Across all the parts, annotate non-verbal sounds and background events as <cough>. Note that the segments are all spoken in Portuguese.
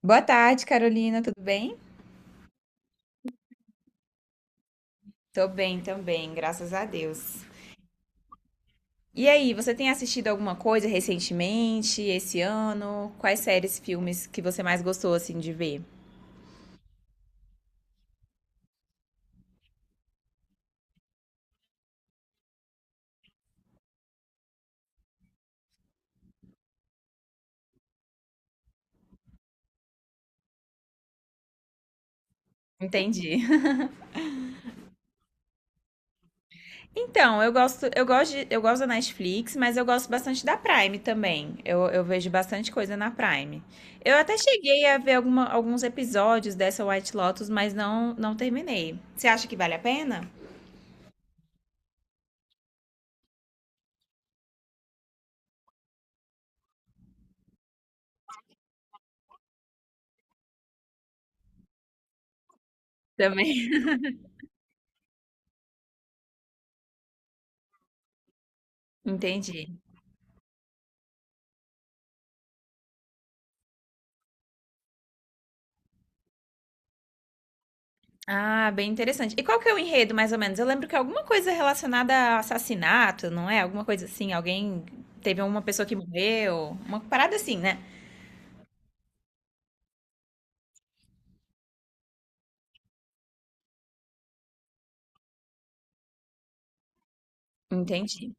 Boa tarde, Carolina, tudo bem? Tô bem também, graças a Deus. E aí, você tem assistido alguma coisa recentemente, esse ano? Quais séries, filmes que você mais gostou assim de ver? Entendi. <laughs> Então, eu gosto da Netflix, mas eu gosto bastante da Prime também. Eu vejo bastante coisa na Prime. Eu até cheguei a ver alguns episódios dessa White Lotus, mas não terminei. Você acha que vale a pena? Também. <laughs> Entendi. Ah, bem interessante. E qual que é o enredo, mais ou menos? Eu lembro que é alguma coisa relacionada a assassinato, não é? Alguma coisa assim, alguém teve uma pessoa que morreu, uma parada assim, né? Entendi.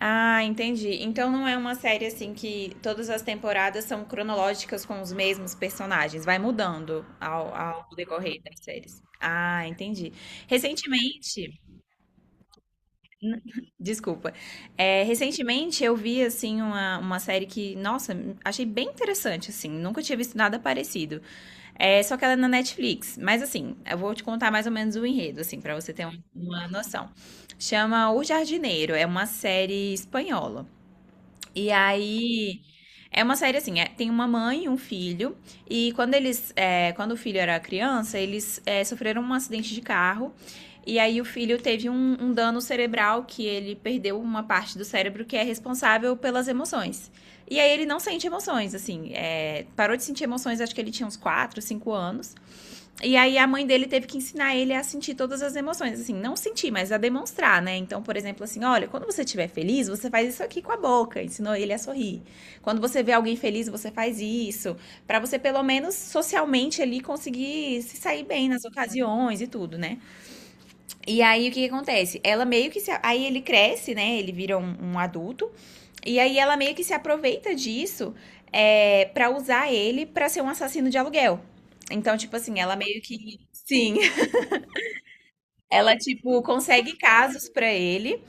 Ah, entendi. Então não é uma série assim que todas as temporadas são cronológicas com os mesmos personagens, vai mudando ao decorrer das séries. Ah, entendi. Recentemente, desculpa, recentemente eu vi assim uma série que, nossa, achei bem interessante assim, nunca tinha visto nada parecido. É, só que ela é na Netflix. Mas assim, eu vou te contar mais ou menos o enredo, assim, para você ter uma noção. Chama O Jardineiro, é uma série espanhola. E aí é uma série assim, tem uma mãe e um filho, e quando eles, quando o filho era criança, eles sofreram um acidente de carro, e aí o filho teve um dano cerebral que ele perdeu uma parte do cérebro que é responsável pelas emoções. E aí ele não sente emoções, assim, é, parou de sentir emoções, acho que ele tinha uns 4 5 anos. E aí a mãe dele teve que ensinar ele a sentir todas as emoções, assim, não sentir, mas a demonstrar, né? Então, por exemplo, assim, olha, quando você estiver feliz, você faz isso aqui com a boca, ensinou ele a sorrir. Quando você vê alguém feliz, você faz isso, para você pelo menos socialmente ali conseguir se sair bem nas ocasiões e tudo, né? E aí o que, que acontece? Ela meio que se. Aí ele cresce, né? Ele vira um adulto. E aí ela meio que se aproveita disso para usar ele pra ser um assassino de aluguel. Então, tipo assim, ela meio que. Sim. <laughs> Ela, tipo, consegue casos pra ele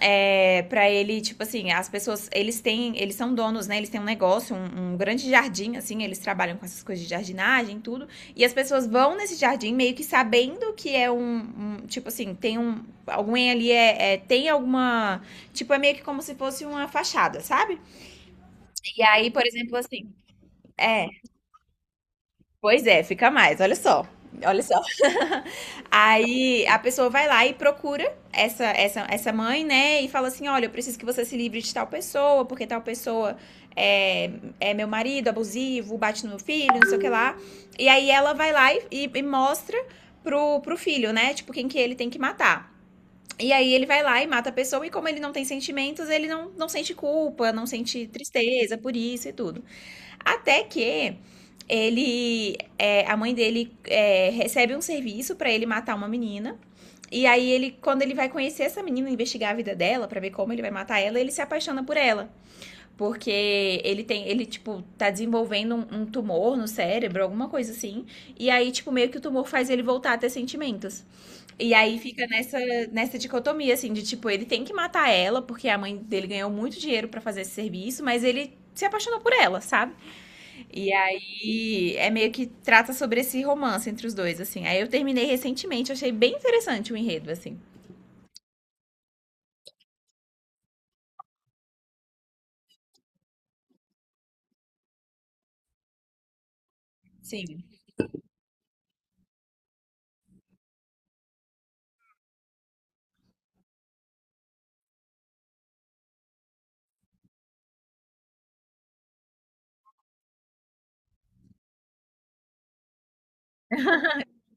para ele, tipo assim, as pessoas, eles têm, eles são donos, né? Eles têm um negócio, um grande jardim, assim, eles trabalham com essas coisas de jardinagem e tudo. E as pessoas vão nesse jardim meio que sabendo que é um tipo assim, tem um, alguém ali tem alguma, tipo, é meio que como se fosse uma fachada, sabe? E aí, por exemplo, assim, é, pois é, fica mais, olha só, olha só. Aí a pessoa vai lá e procura essa mãe, né? E fala assim: olha, eu preciso que você se livre de tal pessoa, porque tal pessoa é, é meu marido abusivo, bate no meu filho, não sei o que lá. E aí ela vai lá e mostra pro, pro filho, né? Tipo, quem que ele tem que matar. E aí ele vai lá e mata a pessoa, e como ele não tem sentimentos, ele não sente culpa, não sente tristeza por isso e tudo. Até que ele, é, a mãe dele é, recebe um serviço pra ele matar uma menina. E aí ele, quando ele vai conhecer essa menina, investigar a vida dela pra ver como ele vai matar ela, ele se apaixona por ela, porque ele tem, ele tipo tá desenvolvendo um tumor no cérebro, alguma coisa assim. E aí tipo meio que o tumor faz ele voltar a ter sentimentos. E aí fica nessa nessa dicotomia assim de tipo ele tem que matar ela porque a mãe dele ganhou muito dinheiro pra fazer esse serviço, mas ele se apaixonou por ela, sabe? E aí é meio que trata sobre esse romance entre os dois, assim. Aí eu terminei recentemente, achei bem interessante o enredo, assim. Sim.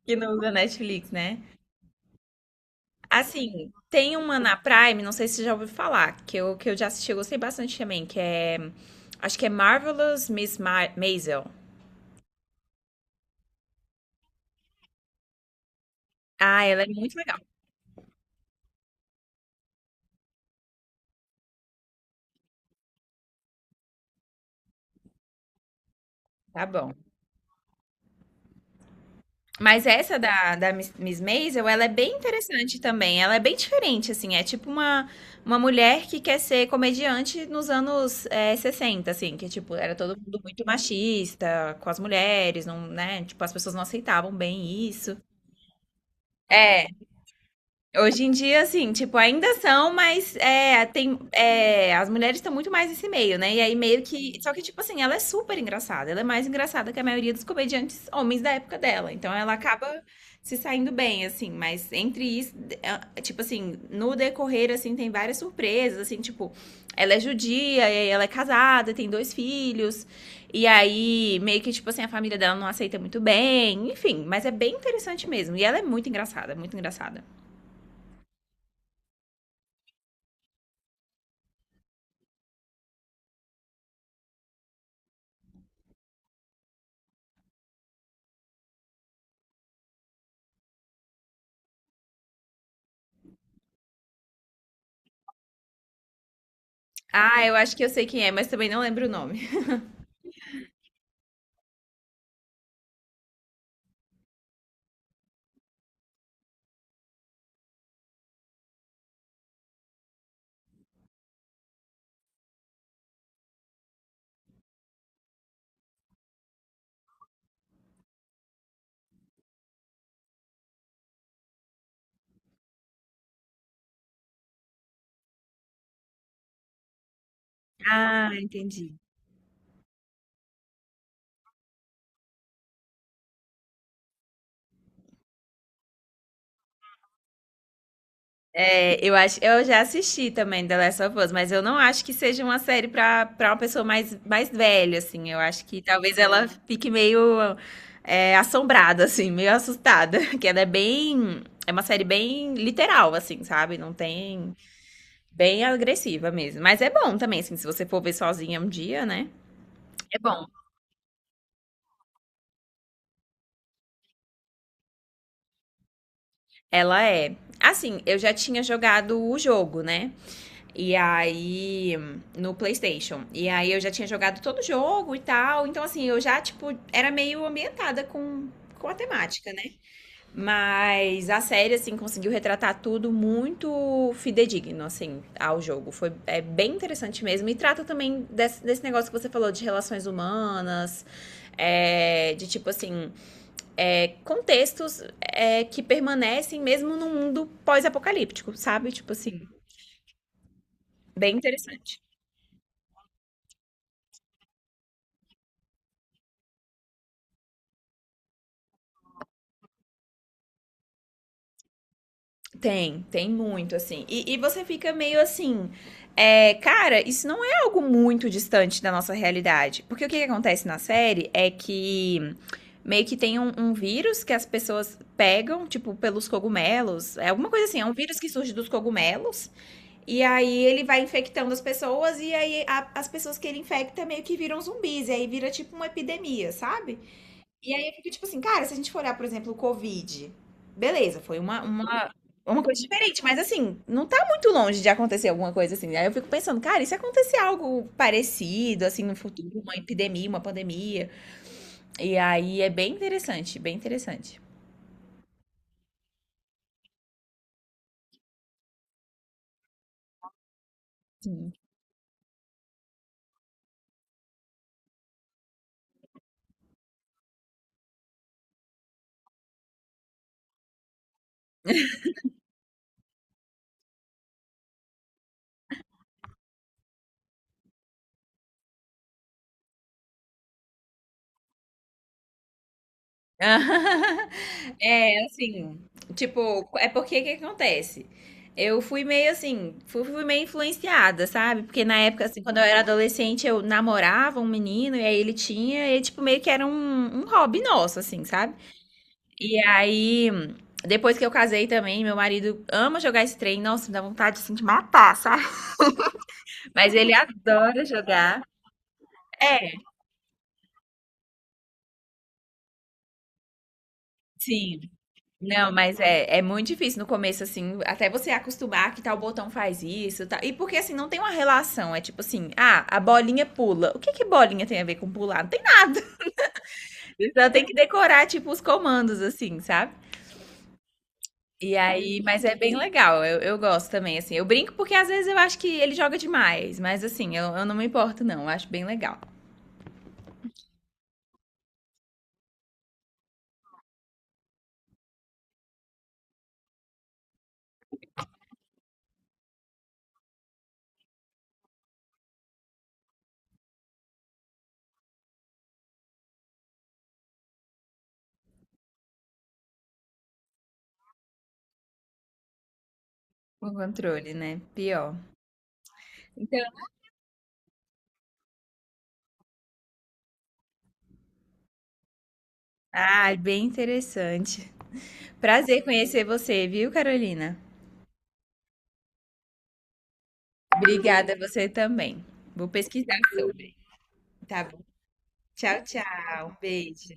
Que não usa Netflix, né? Assim, tem uma na Prime, não sei se você já ouviu falar, que eu já assisti, eu gostei bastante também, que é. Acho que é Marvelous Miss Ma Maisel. Ah, ela é muito legal. Tá bom. Mas essa da Miss Maisel, ela é bem interessante também. Ela é bem diferente, assim. É tipo uma mulher que quer ser comediante nos anos 60, assim. Que, tipo, era todo mundo muito machista com as mulheres, não, né? Tipo, as pessoas não aceitavam bem isso. É, hoje em dia, assim, tipo, ainda são, mas é, tem, é, as mulheres estão muito mais nesse meio, né? E aí meio que. Só que, tipo assim, ela é super engraçada. Ela é mais engraçada que a maioria dos comediantes homens da época dela. Então ela acaba se saindo bem, assim. Mas entre isso, tipo assim, no decorrer, assim, tem várias surpresas, assim, tipo, ela é judia, e aí ela é casada, tem dois filhos. E aí, meio que, tipo assim, a família dela não aceita muito bem, enfim, mas é bem interessante mesmo. E ela é muito engraçada, muito engraçada. Ah, eu acho que eu sei quem é, mas também não lembro o nome. <laughs> Ah, entendi. É, eu acho, eu já assisti também The Last of Us, mas eu não acho que seja uma série para para uma pessoa mais, mais velha, assim. Eu acho que talvez ela fique meio assombrada, assim, meio assustada, <laughs> que ela é bem, é uma série bem literal, assim, sabe? Não tem, bem agressiva mesmo. Mas é bom também, assim, se você for ver sozinha um dia, né? É bom. Ela é. Assim, eu já tinha jogado o jogo, né? E aí, no PlayStation. E aí eu já tinha jogado todo o jogo e tal. Então, assim, eu já, tipo, era meio ambientada com a temática, né? Mas a série, assim, conseguiu retratar tudo muito fidedigno, assim, ao jogo. Foi é bem interessante mesmo. E trata também desse negócio que você falou de relações humanas. De tipo assim, contextos que permanecem mesmo num mundo pós-apocalíptico, sabe? Tipo assim, bem interessante. Tem, tem muito, assim. E você fica meio assim. É, cara, isso não é algo muito distante da nossa realidade. Porque o que, que acontece na série é que meio que tem um vírus que as pessoas pegam, tipo, pelos cogumelos. É alguma coisa assim, é um vírus que surge dos cogumelos. E aí ele vai infectando as pessoas, e aí as pessoas que ele infecta meio que viram zumbis. E aí vira tipo uma epidemia, sabe? E aí eu fico tipo assim, cara, se a gente for olhar, por exemplo, o Covid, beleza, foi uma coisa diferente, mas assim, não tá muito longe de acontecer alguma coisa assim. Aí eu fico pensando, cara, e se acontecer algo parecido, assim, no futuro, uma epidemia, uma pandemia? E aí é bem interessante, bem interessante. <laughs> É, assim, tipo, é porque que acontece? Eu fui meio assim, fui meio influenciada, sabe? Porque na época, assim, quando eu era adolescente, eu namorava um menino e aí ele tinha, e tipo, meio que era um hobby nosso, assim, sabe? E aí, depois que eu casei também, meu marido ama jogar esse trem, nossa, me dá vontade, assim, de matar, sabe? Mas ele adora jogar. É, sim. Não, mas é muito difícil no começo, assim, até você acostumar que tal botão faz isso, tal. E porque, assim, não tem uma relação. É tipo assim, ah, a bolinha pula. O que que bolinha tem a ver com pular? Não tem nada. <laughs> Então tem que decorar, tipo, os comandos, assim, sabe? E aí, mas é bem legal. Eu gosto também, assim. Eu brinco porque às vezes eu acho que ele joga demais. Mas, assim, eu não me importo, não. Eu acho bem legal. O controle, né? Pior. Então, ah, bem interessante. Prazer conhecer você, viu, Carolina? Obrigada, você também. Vou pesquisar sobre. Tá bom. Tchau, tchau. Beijo.